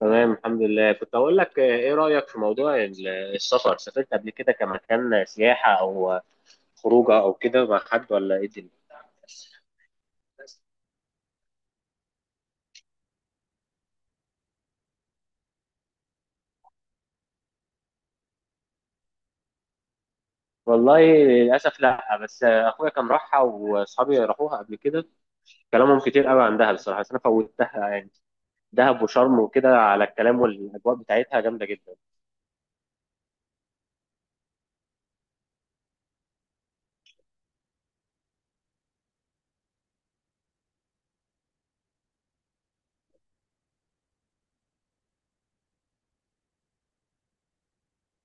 تمام، الحمد لله. كنت أقول لك، إيه رأيك في موضوع السفر؟ سافرت قبل كده كمكان سياحة أو خروجة أو كده مع حد، ولا إيه الدنيا؟ والله للأسف لأ، بس أخويا كان راحها وأصحابي راحوها قبل كده. كلامهم كتير قوي عن دهب بصراحة، بس أنا فوتها يعني. دهب وشرم وكده، على الكلام، والأجواء بتاعتها جامدة جدا.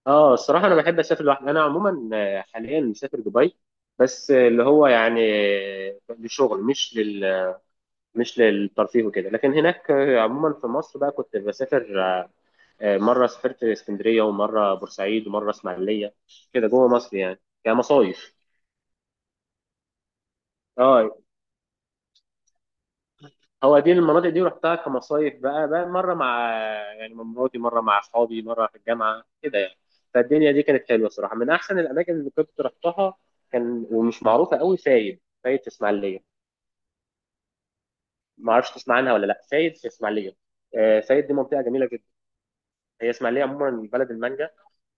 اه، الصراحه انا بحب اسافر لوحدي. انا عموما حاليا مسافر دبي، بس اللي هو يعني لشغل. مش للترفيه وكده. لكن هناك عموما في مصر بقى كنت بسافر، مرة سافرت اسكندرية ومرة بورسعيد ومرة اسماعيلية، كده جوه مصر يعني كمصايف. اه، هو دي المناطق دي رحتها كمصايف. بقى مرة مع، يعني مع مراتي، مرة مع أصحابي، مرة في الجامعة كده يعني. فالدنيا دي كانت حلوة صراحة، من أحسن الأماكن اللي كنت رحتها. كان ومش معروفة قوي، فايد في اسماعيلية. ما أعرفش تسمع عنها ولا لا، فايد في اسماعيلية. فايد دي منطقة جميلة جدا. هي اسماعيلية عموما بلد المانجا.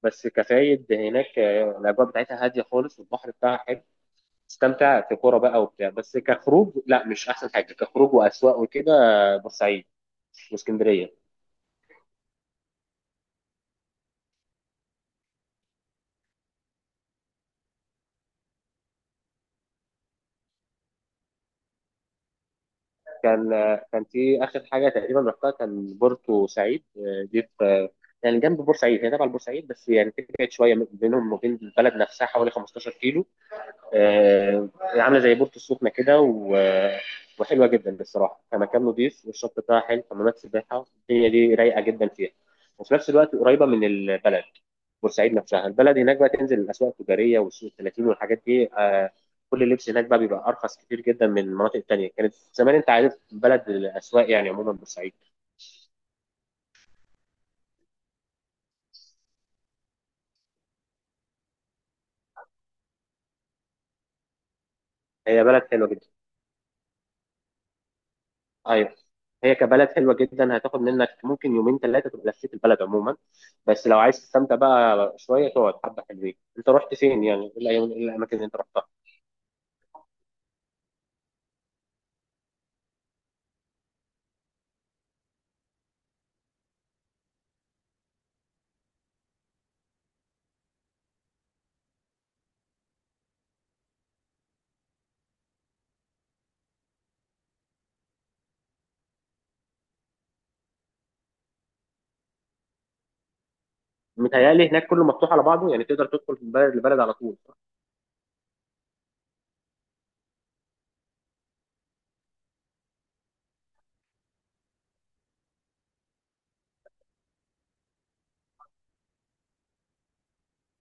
بس كفايد هناك، الاجواء بتاعتها هاديه خالص، والبحر بتاعها حلو، تستمتع في كوره بقى وبتاع. بس كخروج لا، مش احسن حاجه كخروج واسواق وكده. بورسعيد واسكندريه. كان في اخر حاجه تقريبا رحتها كان بورتو سعيد. دي في، يعني جنب بورسعيد، هي تبع بورسعيد، بس يعني تبعد شويه، بينهم وبين البلد نفسها حوالي 15 كيلو. عامله زي بورتو السخنه كده و... آه، وحلوه جدا بصراحه، كمكان نضيف، والشط بتاعها حلو، حمامات سباحه، الدنيا دي رايقه جدا فيها، وفي نفس الوقت قريبه من البلد. بورسعيد نفسها البلد، هناك بقى تنزل الاسواق التجاريه والسوق 30 والحاجات دي، كل اللبس هناك بقى بيبقى ارخص كتير جدا من المناطق التانيه. كانت زمان، انت عارف، بلد الاسواق يعني عموما بورسعيد. هي بلد حلوه جدا. ايوه، هي كبلد حلوه جدا، هتاخد منك ممكن يومين ثلاثه تبقى لفيت البلد عموما. بس لو عايز تستمتع بقى شويه تقعد حبه حلوين. انت رحت فين يعني؟ إيه الاماكن اللي انت رحتها؟ متهيألي هناك كله مفتوح على بعضه، يعني تقدر تدخل من بلد لبلد على طول.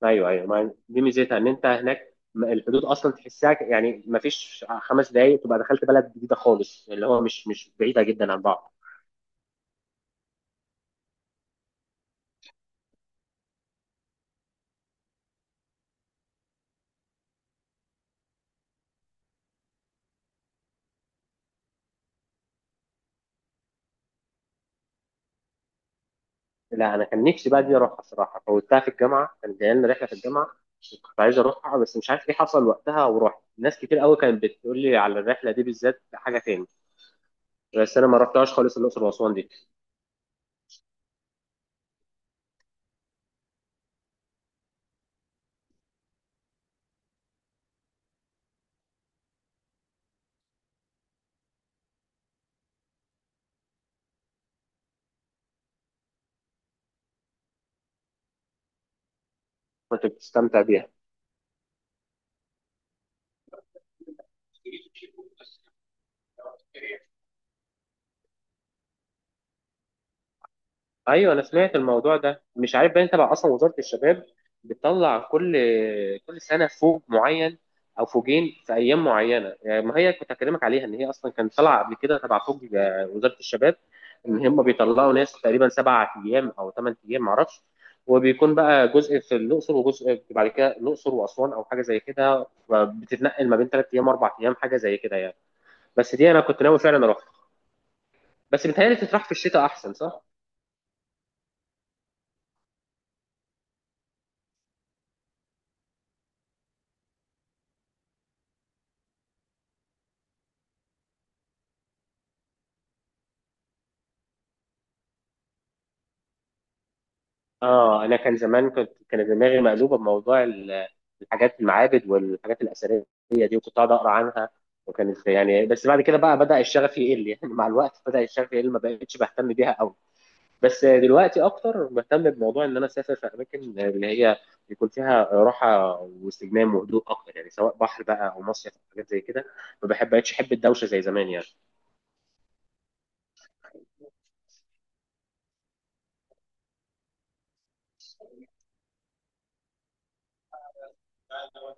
ايوه، ايوه، ما دي ميزتها، ان انت هناك الحدود اصلا تحسها، يعني ما فيش 5 دقايق تبقى دخلت بلد جديده خالص، اللي هو مش بعيده جدا عن بعض. لا، انا كان نفسي بقى دي اروحها صراحه، فوتها في الجامعه، كان جاي لنا رحله في الجامعه، كنت عايز اروحها، بس مش عارف ايه حصل وقتها، ورحت ناس كتير قوي كانت بتقول لي على الرحله دي بالذات حاجه تاني. بس انا ما رحتهاش خالص الاقصر واسوان دي. كنت بتستمتع بيها. ايوه، انا سمعت الموضوع ده، مش عارف بقى انت بقى اصلا. وزاره الشباب بتطلع كل سنه فوج معين او فوجين في ايام معينه يعني. ما هي كنت اكلمك عليها، ان هي اصلا كانت طالعه قبل كده تبع فوج، وزاره الشباب، ان هم بيطلعوا ناس تقريبا 7 ايام او 8 ايام معرفش، وبيكون بقى جزء في الاقصر وجزء بعد كده الاقصر واسوان، او حاجه زي كده، بتتنقل ما بين 3 ايام واربع ايام، حاجه زي كده يعني. بس دي انا كنت ناوي فعلا اروح. بس بيتهيألي تتراح في الشتاء احسن، صح؟ اه، انا كان زمان، كان دماغي مقلوبه بموضوع الحاجات، المعابد والحاجات الاثريه دي، وكنت قاعد اقرا عنها، وكانت يعني. بس بعد كده بقى بدا الشغف يقل يعني مع الوقت بدا الشغف يقل، ما بقتش بهتم بيها قوي. بس دلوقتي اكتر بهتم بموضوع ان انا اسافر في اماكن اللي هي يكون فيها راحه واستجمام وهدوء اكتر، يعني سواء بحر بقى او مصيف او حاجات زي كده. ما بحب بقتش احب الدوشه زي زمان يعني.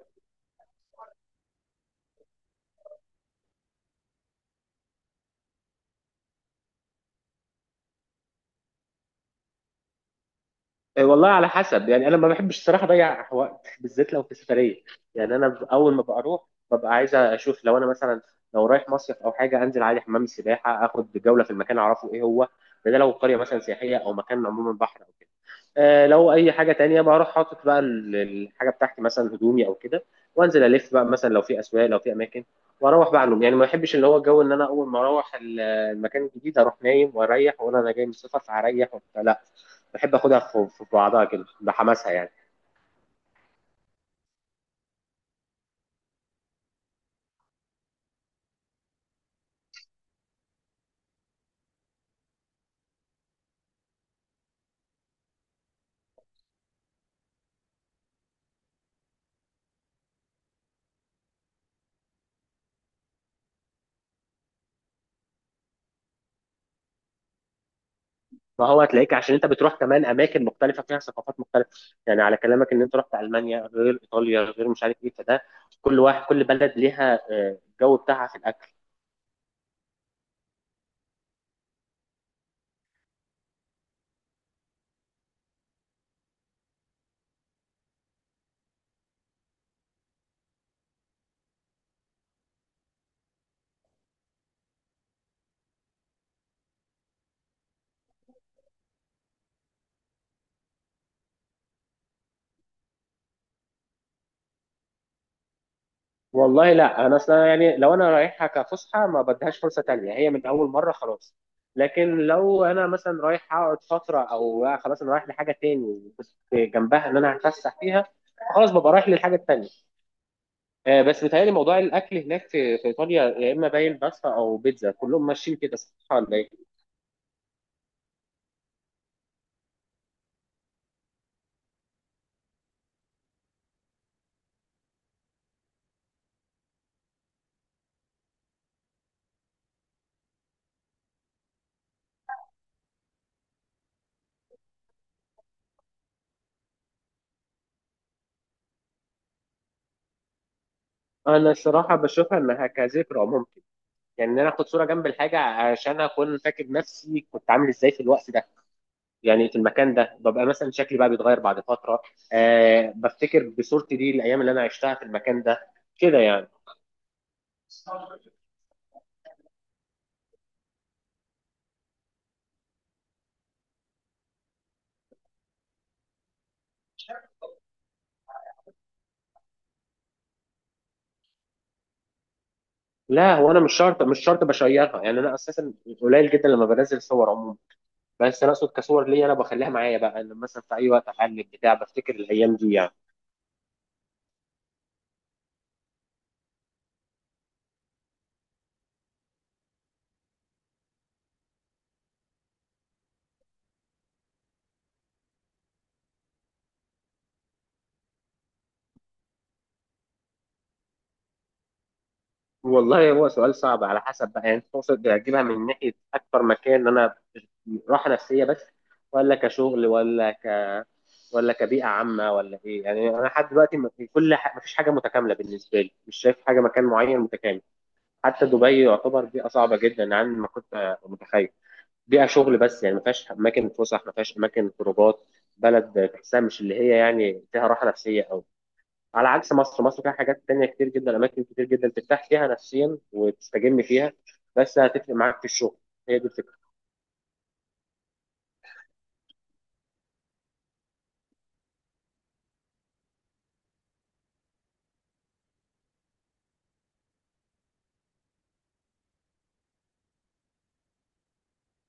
إيه، والله على حسب يعني، انا ما بحبش الصراحه اضيع وقت، بالذات لو في سفريه. يعني انا اول ما بروح، ببقى عايز اشوف، لو انا مثلا لو رايح مصيف او حاجه، انزل عادي حمام السباحه، اخد جوله في المكان اعرفه ايه هو، ده لو قريه مثلا سياحيه، او مكان عموما بحر او كده. آه، لو اي حاجه تانية بروح حاطط بقى الحاجه بتاعتي مثلا هدومي او كده، وانزل الف بقى، مثلا لو في اسواق، لو في اماكن، واروح بقى نوم. يعني ما بحبش اللي هو الجو ان انا اول ما اروح المكان الجديد اروح نايم واريح واقول انا جاي من السفر فهريح وبتاع. لا، بحب اخدها في بعضها كده بحماسها يعني. فهو هتلاقيك عشان انت بتروح كمان اماكن مختلفه فيها ثقافات مختلفه. يعني على كلامك ان انت رحت المانيا غير ايطاليا غير مش عارف ايه، فده كل واحد، كل بلد ليها الجو بتاعها في الاكل. والله لا، انا اصلا يعني لو انا رايحها كفسحه ما بديهاش فرصه تانية، هي من اول مره خلاص. لكن لو انا مثلا رايح اقعد فتره، او خلاص انا رايح لحاجه تاني بس جنبها ان انا هتفسح فيها، خلاص ببقى رايح للحاجه التانية. بس بيتهيألي موضوع الأكل هناك في إيطاليا يا إما باين باستا أو بيتزا، كلهم ماشيين كده، صح ولا إيه؟ أنا الصراحة بشوفها إنها كذكرى ممكن، يعني إن أنا آخد صورة جنب الحاجة عشان أكون فاكر نفسي كنت عامل إزاي في الوقت ده، يعني في المكان ده. ببقى مثلا شكلي بقى بيتغير بعد فترة، أه بفتكر بصورتي دي الأيام اللي أنا عشتها في المكان ده، كده يعني. لا، هو أنا مش شرط بشيرها، يعني أنا أساسا قليل جدا لما بنزل صور عموما. بس انا اقصد كصور ليا، انا بخليها معايا بقى لما مثلا في اي وقت احلل بتاع بفتكر الايام دي يعني. والله هو سؤال صعب، على حسب بقى. يعني تقصد اجيبها من ناحيه اكتر مكان انا راحه نفسيه بس، ولا كشغل، ولا كبيئه عامه، ولا ايه يعني. انا لحد دلوقتي ما في كل ح... ما فيش حاجه متكامله بالنسبه لي، مش شايف حاجه، مكان معين متكامل. حتى دبي يعتبر بيئه صعبه جدا عن ما كنت متخيل، بيئه شغل بس يعني، ما فيهاش اماكن فسح، ما فيهاش اماكن خروجات، بلد تحسها مش اللي هي يعني فيها راحه نفسيه أوي. على عكس مصر، مصر فيها حاجات تانية كتير جدا، أماكن كتير جدا ترتاح فيها نفسيا وتستجم فيها، بس هتفرق معاك في الشغل. هي دي الفكرة.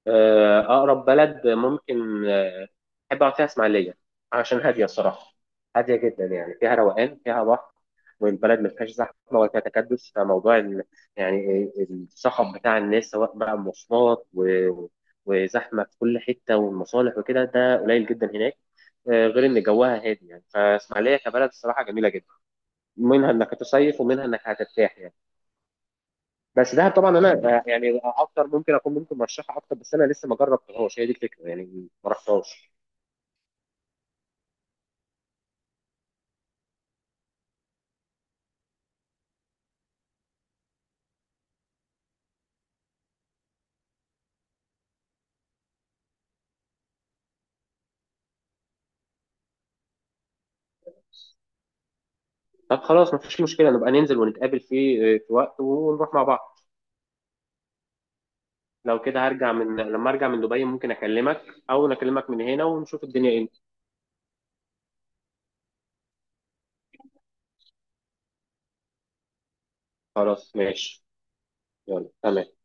أقرب بلد ممكن، أحب أقعد فيها، إسماعيلية، عشان هادية الصراحة. هادية جدا، يعني فيها روقان، فيها بحر، والبلد ما فيهاش زحمة ولا فيها تكدس، فموضوع يعني الصخب بتاع الناس، سواء بقى مواصلات وزحمة في كل حتة والمصالح وكده، ده قليل جدا هناك. غير إن جوها هادي يعني، فإسماعيلية كبلد الصراحة جميلة جدا، منها انك هتصيف ومنها انك هترتاح يعني. بس دهب طبعا انا، يعني اكتر ممكن اكون، ممكن مرشحها اكتر، بس انا لسه ما جربتهاش، هي دي الفكره يعني، ما رحتهاش. طب خلاص، ما فيش مشكله، نبقى ننزل ونتقابل في وقت ونروح مع بعض. لو كده، هرجع من لما ارجع من دبي ممكن اكلمك، او اكلمك من هنا ونشوف الدنيا ايه. خلاص ماشي، يلا تمام.